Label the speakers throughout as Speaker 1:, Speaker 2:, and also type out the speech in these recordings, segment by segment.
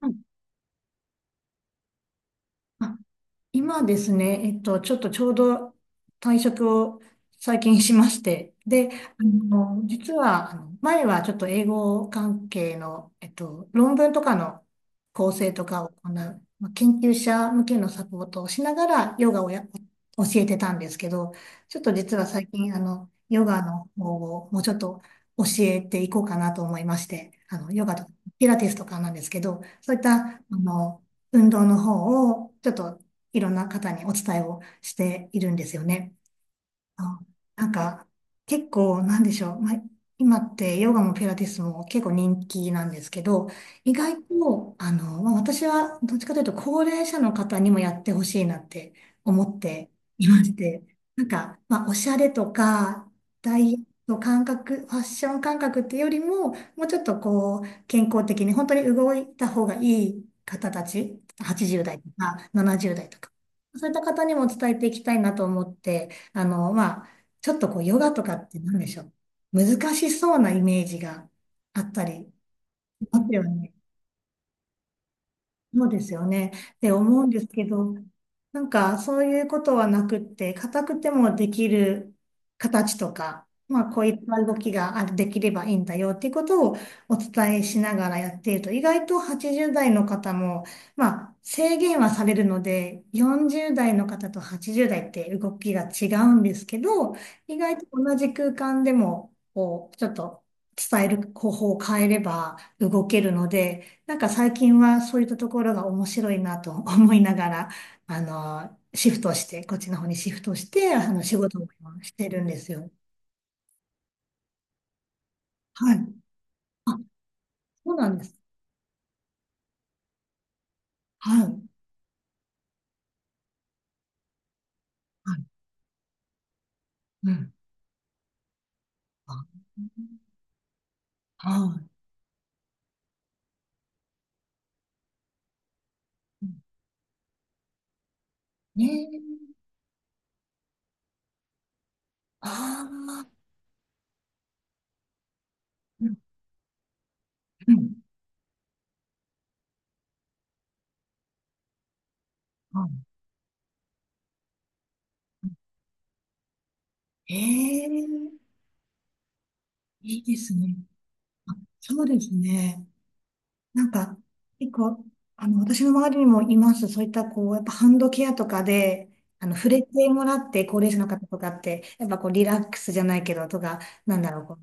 Speaker 1: うん。あ、今ですね、ちょっとちょうど退職を最近しまして、で、実は、前はちょっと英語関係の、論文とかの構成とかを行う、まあ、研究者向けのサポートをしながらヨガを教えてたんですけど、ちょっと実は最近、ヨガの方をもうちょっと教えていこうかなと思いまして、ヨガとかピラティスとかなんですけど、そういった、運動の方をちょっといろんな方にお伝えをしているんですよね。あ、なんか、結構、なんでしょう。まあ、今ってヨガもピラティスも結構人気なんですけど、意外と、まあ、私はどっちかというと高齢者の方にもやってほしいなって思っていまして、なんか、まあ、おしゃれとか、ダイエット感覚、ファッション感覚っていうよりも、もうちょっとこう、健康的に本当に動いた方がいい方たち、80代とか70代とか、そういった方にも伝えていきたいなと思って、まあ、ちょっとこう、ヨガとかって何でしょう。難しそうなイメージがあったりしますよね。そうですよね。で、思うんですけど、なんかそういうことはなくって、硬くてもできる形とか、まあこういった動きがあるできればいいんだよっていうことをお伝えしながらやっていると、意外と80代の方も、まあ制限はされるので、40代の方と80代って動きが違うんですけど、意外と同じ空間でも、こう、ちょっと伝える方法を変えれば動けるので、なんか最近はそういったところが面白いなと思いながら、シフトして、こっちの方にシフトして、仕事を今してるんですよ。はい。あ、そうなんです。はい。はい。うん。あ、はい。うん。ねえ。ああ、うん。うん。はい。ええ、いいですね。あ、そうですね。なんか、結構、私の周りにもいます。そういった、こう、やっぱハンドケアとかで、触れてもらって、高齢者の方とかって、やっぱこう、リラックスじゃないけど、とか、なんだろう、こ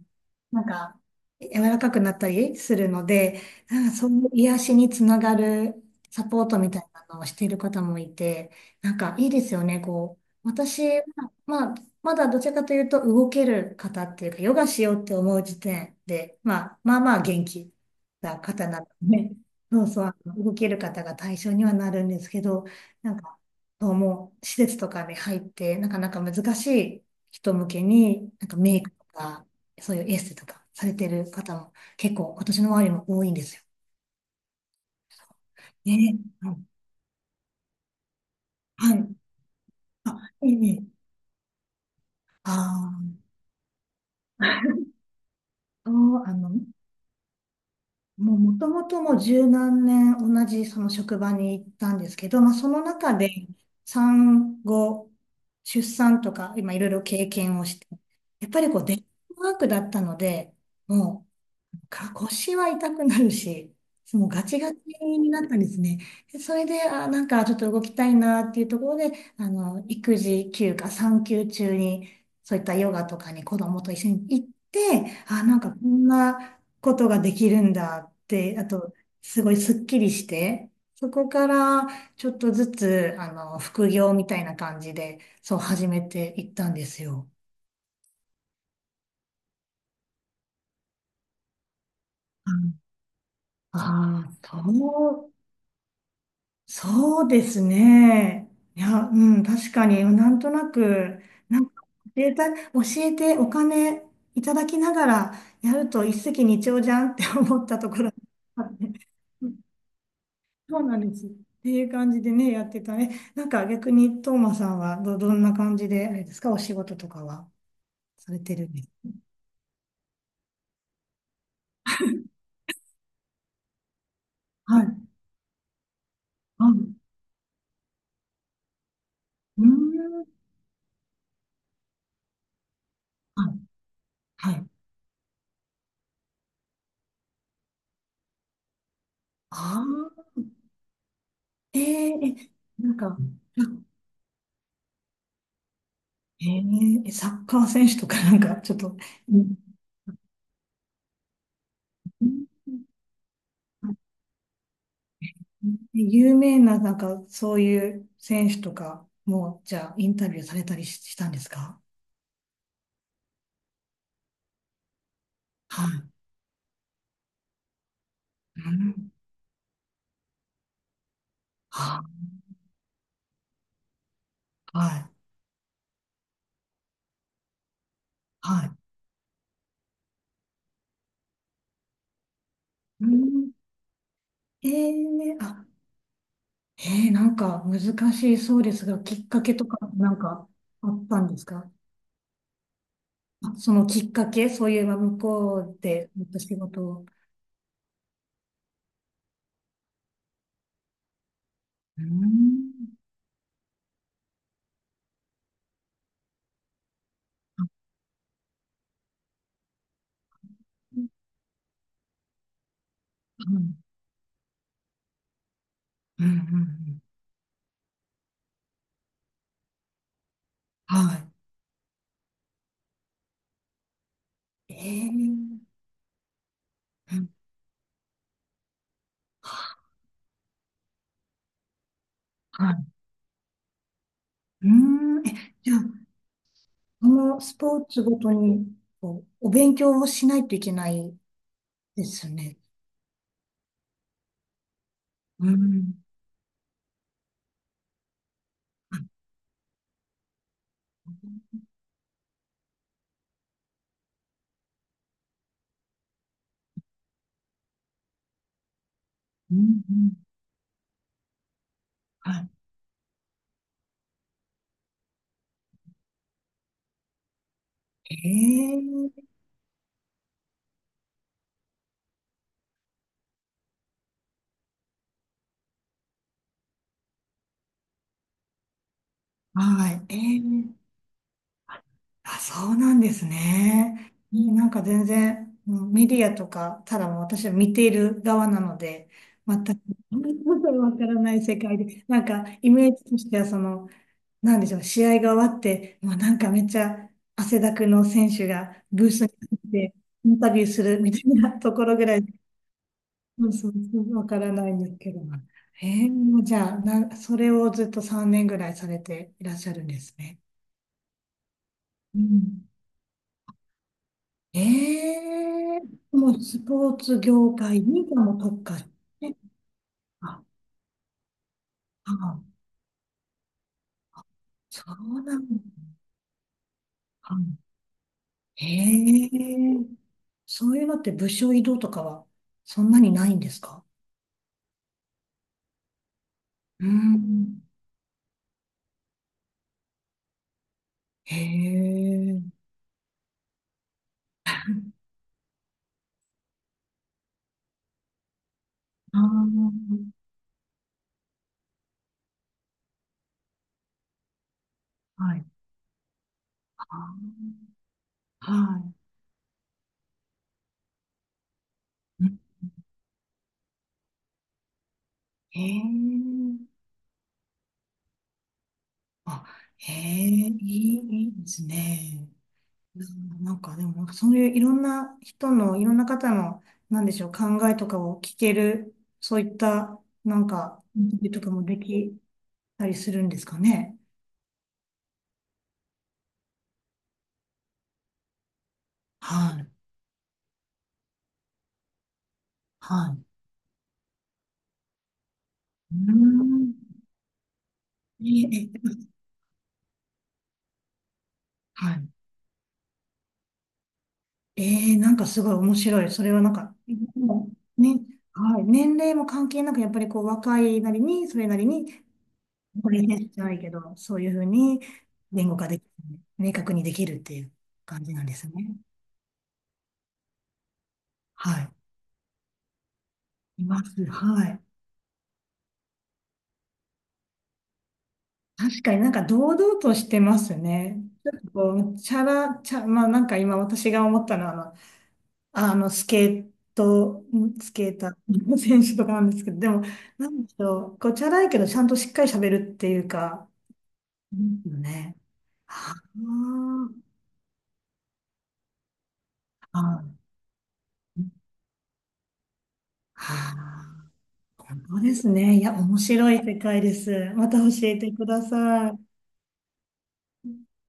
Speaker 1: う、なんか、柔らかくなったりするので、なんかそういう癒しにつながるサポートみたいなのをしている方もいて、なんかいいですよね、こう。私は、まあ、まだどちらかというと動ける方っていうか、ヨガしようって思う時点で、まあ、まあまあ元気。た方なのね、そうそう、動ける方が対象にはなるんですけど、なんか、そうもう施設とかに入って、なかなか難しい人向けに、なんかメイクとか、そういうエステとかされてる方も結構、今年の周りも多いんですよ。ね、うん。はい。あ、いいね。ああ、あの、もう元々もう十何年同じその職場に行ったんですけど、まあ、その中で産後、出産とか今いろいろ経験をして、やっぱりこうデスクワークだったので、もうか腰は痛くなるし、もうガチガチになったんですね。でそれで、あ、なんかちょっと動きたいなっていうところで、育児休暇、産休中に、そういったヨガとかに子供と一緒に行って、あ、なんかこんなことができるんだって、あと、すごいスッキリして、そこからちょっとずつ、副業みたいな感じで、そう始めていったんですよ。ああー、そう。そうですね。いや、うん、確かに、なんとなく、なんか教えてお金いただきながらやると一石二鳥じゃんって思ったところがあって、うん。そうなんです。っていう感じでね、やってたね。なんか逆に、トーマさんはどんな感じで、あれですか、お仕事とかはされてるんですか？はい。あ、うーん。はい。はい。ああ、えーえ、なんか、えーえサッカー選手とかなんかちょっと、うん。有名ななんかそういう選手とかも、じゃあインタビューされたりしたんですか？はい。うん、は、はい。はい。うん。あ、なんか難しいそうですが、きっかけとかなんかあったんですか？あ、そのきっかけ、そういえば向こうでやった仕事を。うん。うん。うん。うん。うん。はい。うん。はい。うーん。え、じゃあ、このスポーツごとに、こう、お勉強をしないといけないですね。うん。うん、うん。はい。ええ。はい。ええ。あ、そうなんですね。うん。なんか全然、うん、メディアとか、ただもう私は見ている側なので、全く わからない世界で、なんかイメージとしてはその、なんでしょうね、試合が終わって、もうなんかめっちゃ汗だくの選手がブースに入ってインタビューするみたいなところぐらい、そうそうそう、わからないんですけど。へえ、もうじゃあ、それをずっと3年ぐらいされていらっしゃるんですね。うん。ええ、もうスポーツ業界にもう特化して、あ、あ、そうなんだ。あ。へえ、そういうのって部署移動とかはそんなにないんですか？うーん。へえ。ああ、はい。ああ、はい。うん。へえ。あ、へえ、いいですね。うん。なんかでも、そういういろんな人の、いろんな方の、なんでしょう、考えとかを聞ける、そういった、なんか、インタビューとかもできたりするんですかね。はい。はい。うん。ええ、ええ。はい。ええ。なんかすごい面白い。それはなんか、もうね、はい、年齢も関係なく、やっぱりこう、若いなりに、それなりに、これねじゃないけど、そういうふうに言語化できる、明確にできるっていう感じなんですね。はい。います。はい。確かになんか堂々としてますね。ちょっとこう、チャラ、チャ、まあなんか今私が思ったのは、スケーターの選手とかなんですけど、でも、なんでしょう、ごちゃらいけど、ちゃんとしっかり喋るっていうか、うんね。あ、はあ、はあ、本当ですね。いや、面白い世界です。また教えてください。